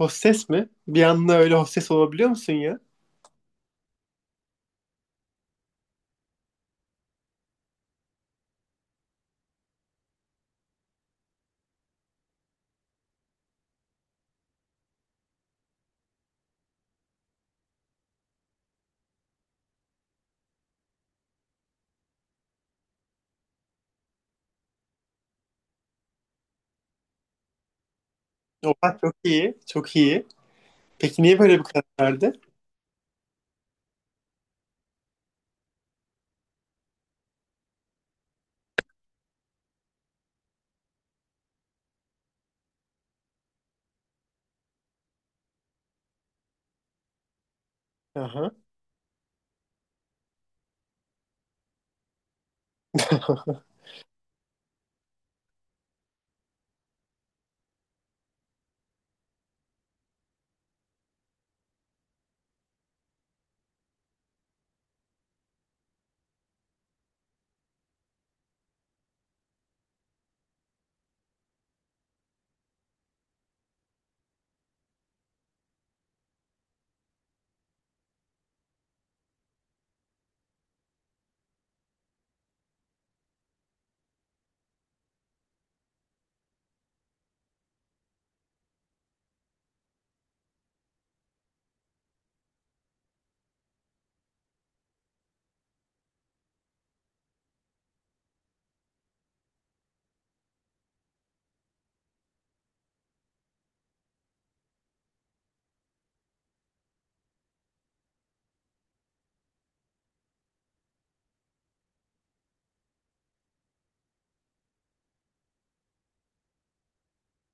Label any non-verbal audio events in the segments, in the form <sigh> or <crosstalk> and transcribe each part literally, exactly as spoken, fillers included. Hostes mi? Bir anda öyle hostes olabiliyor musun ya? Oha çok iyi, çok iyi. Peki niye böyle bir karar verdi? Aha. <laughs>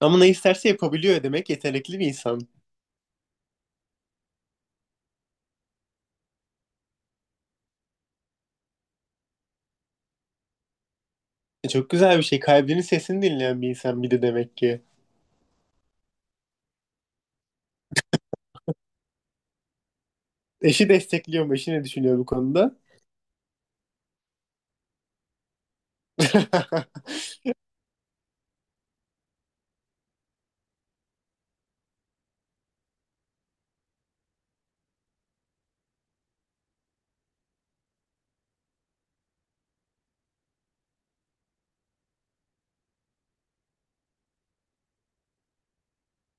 Ama ne isterse yapabiliyor demek, yetenekli bir insan. E, çok güzel bir şey. Kalbinin sesini dinleyen bir insan bir de demek ki. Eşi destekliyor mu? Eşi ne düşünüyor bu konuda? <laughs>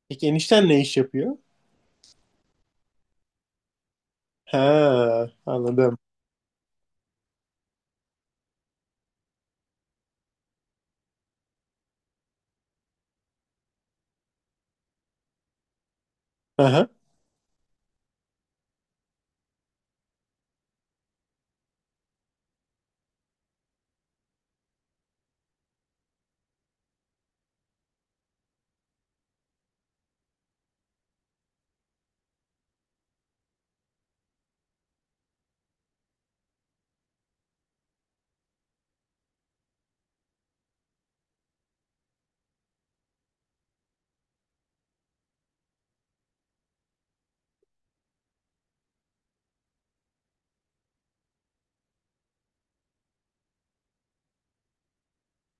Peki enişten ne iş yapıyor? Ha, anladım. Aha.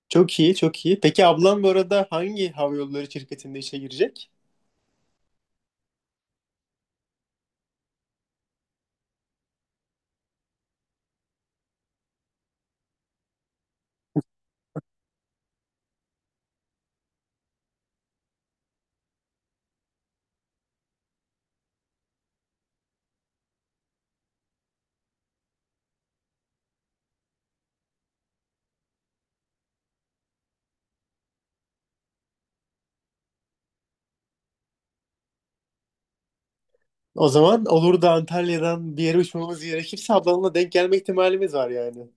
Çok iyi, çok iyi. Peki ablam bu arada hangi hava yolları şirketinde işe girecek? O zaman olur da Antalya'dan bir yere uçmamız gerekirse ablanla denk gelme ihtimalimiz var yani.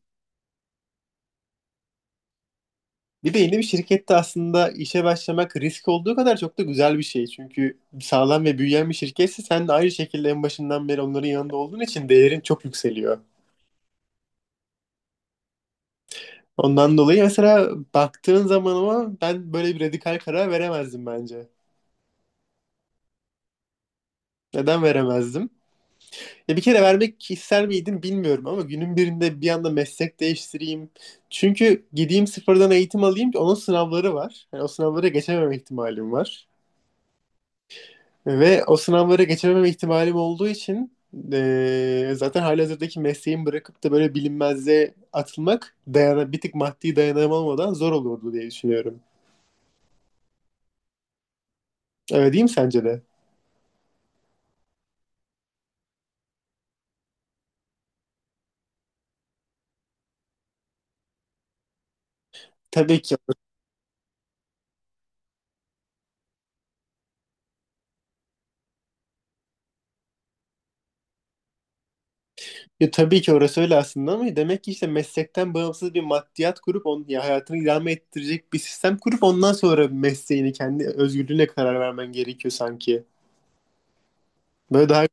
Bir de yeni bir şirkette aslında işe başlamak risk olduğu kadar çok da güzel bir şey. Çünkü sağlam ve büyüyen bir şirketse sen de aynı şekilde en başından beri onların yanında olduğun için değerin çok yükseliyor. Ondan dolayı mesela baktığın zaman, ama ben böyle bir radikal karar veremezdim bence. Neden veremezdim? Ya bir kere vermek ister miydim bilmiyorum, ama günün birinde bir anda meslek değiştireyim. Çünkü gideyim sıfırdan eğitim alayım, onun sınavları var. Yani o sınavlara geçememe ihtimalim var. Ve o sınavlara geçememe ihtimalim olduğu için eee, zaten halihazırdaki mesleğimi bırakıp da böyle bilinmezliğe atılmak dayana, bir tık maddi dayanamam olmadan zor olurdu diye düşünüyorum. Öyle değil mi sence de? Tabii ki. Ya tabii ki orası öyle aslında, ama demek ki işte meslekten bağımsız bir maddiyat kurup onun ya hayatını idame ettirecek bir sistem kurup ondan sonra mesleğini kendi özgürlüğüne karar vermen gerekiyor sanki. Böyle daha.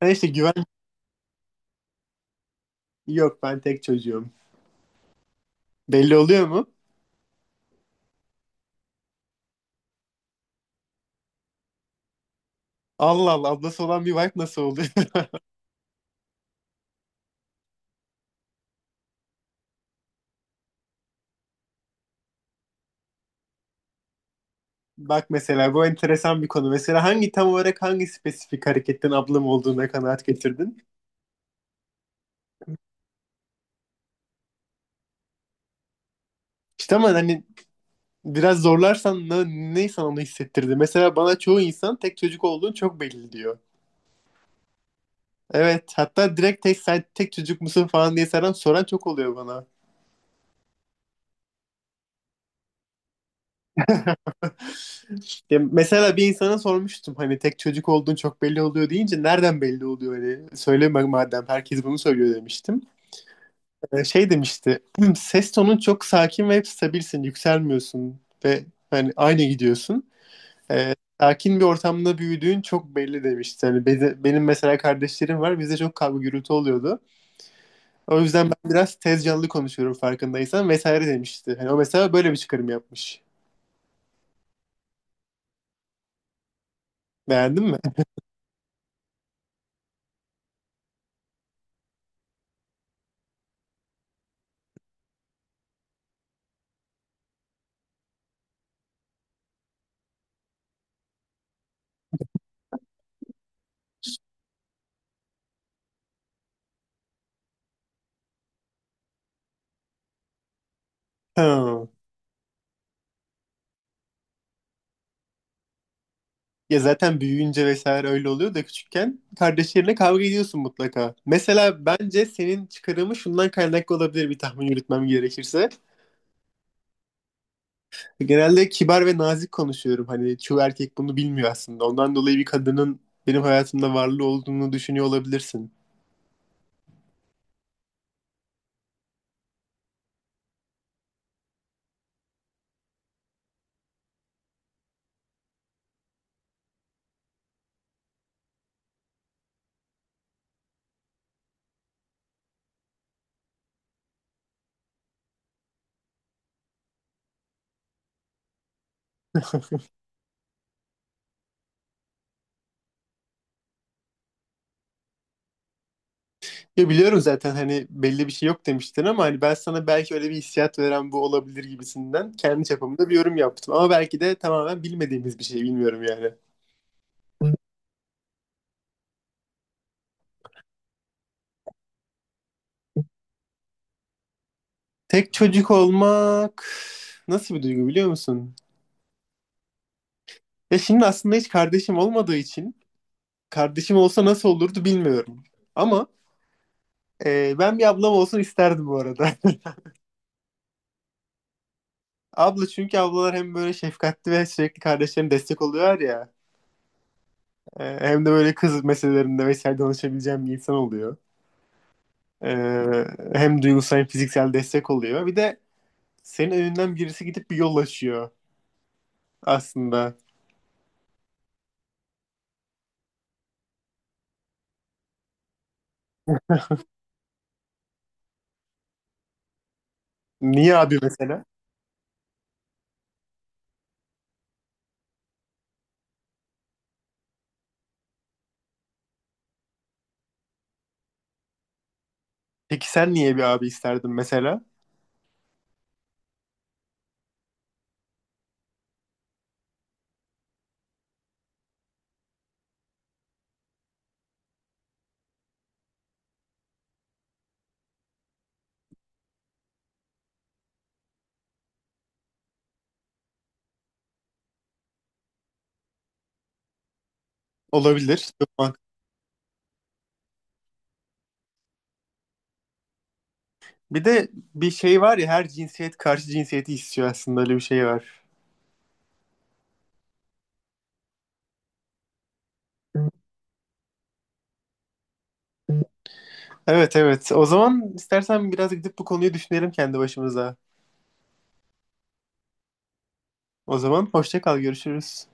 Ha, işte güven. Yok, ben tek çocuğum. Belli oluyor mu? Allah Allah, ablası olan bir wife nasıl oluyor? <laughs> Bak mesela, bu enteresan bir konu. Mesela hangi, tam olarak hangi spesifik hareketten ablam olduğuna kanaat getirdin? İşte ama hani biraz zorlarsan ne, ne sana onu hissettirdi? Mesela bana çoğu insan tek çocuk olduğun çok belli diyor. Evet, hatta direkt tek sen tek çocuk musun falan diye soran soran çok oluyor bana. Ya mesela bir insana sormuştum, hani tek çocuk olduğun çok belli oluyor deyince, nereden belli oluyor, hani söyleme madem herkes bunu söylüyor demiştim. Ee, şey demişti, "Hmm, ses tonun çok sakin ve hep stabilsin, yükselmiyorsun ve hani aynı gidiyorsun. Ee, sakin bir ortamda büyüdüğün çok belli" demişti. Hani be- benim mesela kardeşlerim var, bizde çok kavga gürültü oluyordu. O yüzden ben biraz tez canlı konuşuyorum, farkındaysan vesaire demişti. Hani o mesela böyle bir çıkarım yapmış. Beğendin mi? <laughs> Ha. Ya zaten büyüyünce vesaire öyle oluyor da, küçükken kardeşlerine kavga ediyorsun mutlaka. Mesela bence senin çıkarımı şundan kaynaklı olabilir, bir tahmin yürütmem gerekirse. Genelde kibar ve nazik konuşuyorum. Hani çoğu erkek bunu bilmiyor aslında. Ondan dolayı bir kadının benim hayatımda varlığı olduğunu düşünüyor olabilirsin. Ya biliyorum zaten, hani belli bir şey yok demiştin, ama hani ben sana belki öyle bir hissiyat veren bu olabilir gibisinden kendi çapımda bir yorum yaptım. Ama belki de tamamen bilmediğimiz bir şey, bilmiyorum yani. Tek çocuk olmak nasıl bir duygu biliyor musun? Ya şimdi aslında hiç kardeşim olmadığı için kardeşim olsa nasıl olurdu bilmiyorum. Ama e, ben bir ablam olsun isterdim bu arada. <laughs> Abla, çünkü ablalar hem böyle şefkatli ve sürekli kardeşlerine destek oluyor ya. E, hem de böyle kız meselelerinde vesaire danışabileceğim bir insan oluyor. Ee, hem duygusal hem fiziksel destek oluyor. Bir de senin önünden birisi gidip bir yol açıyor aslında. Niye abi mesela? Peki sen niye bir abi isterdin mesela? Olabilir. Çok mantıklı. Bir de bir şey var ya, her cinsiyet karşı cinsiyeti istiyor, aslında öyle bir şey var. Evet, evet. O zaman istersen biraz gidip bu konuyu düşünelim kendi başımıza. O zaman hoşça kal, görüşürüz.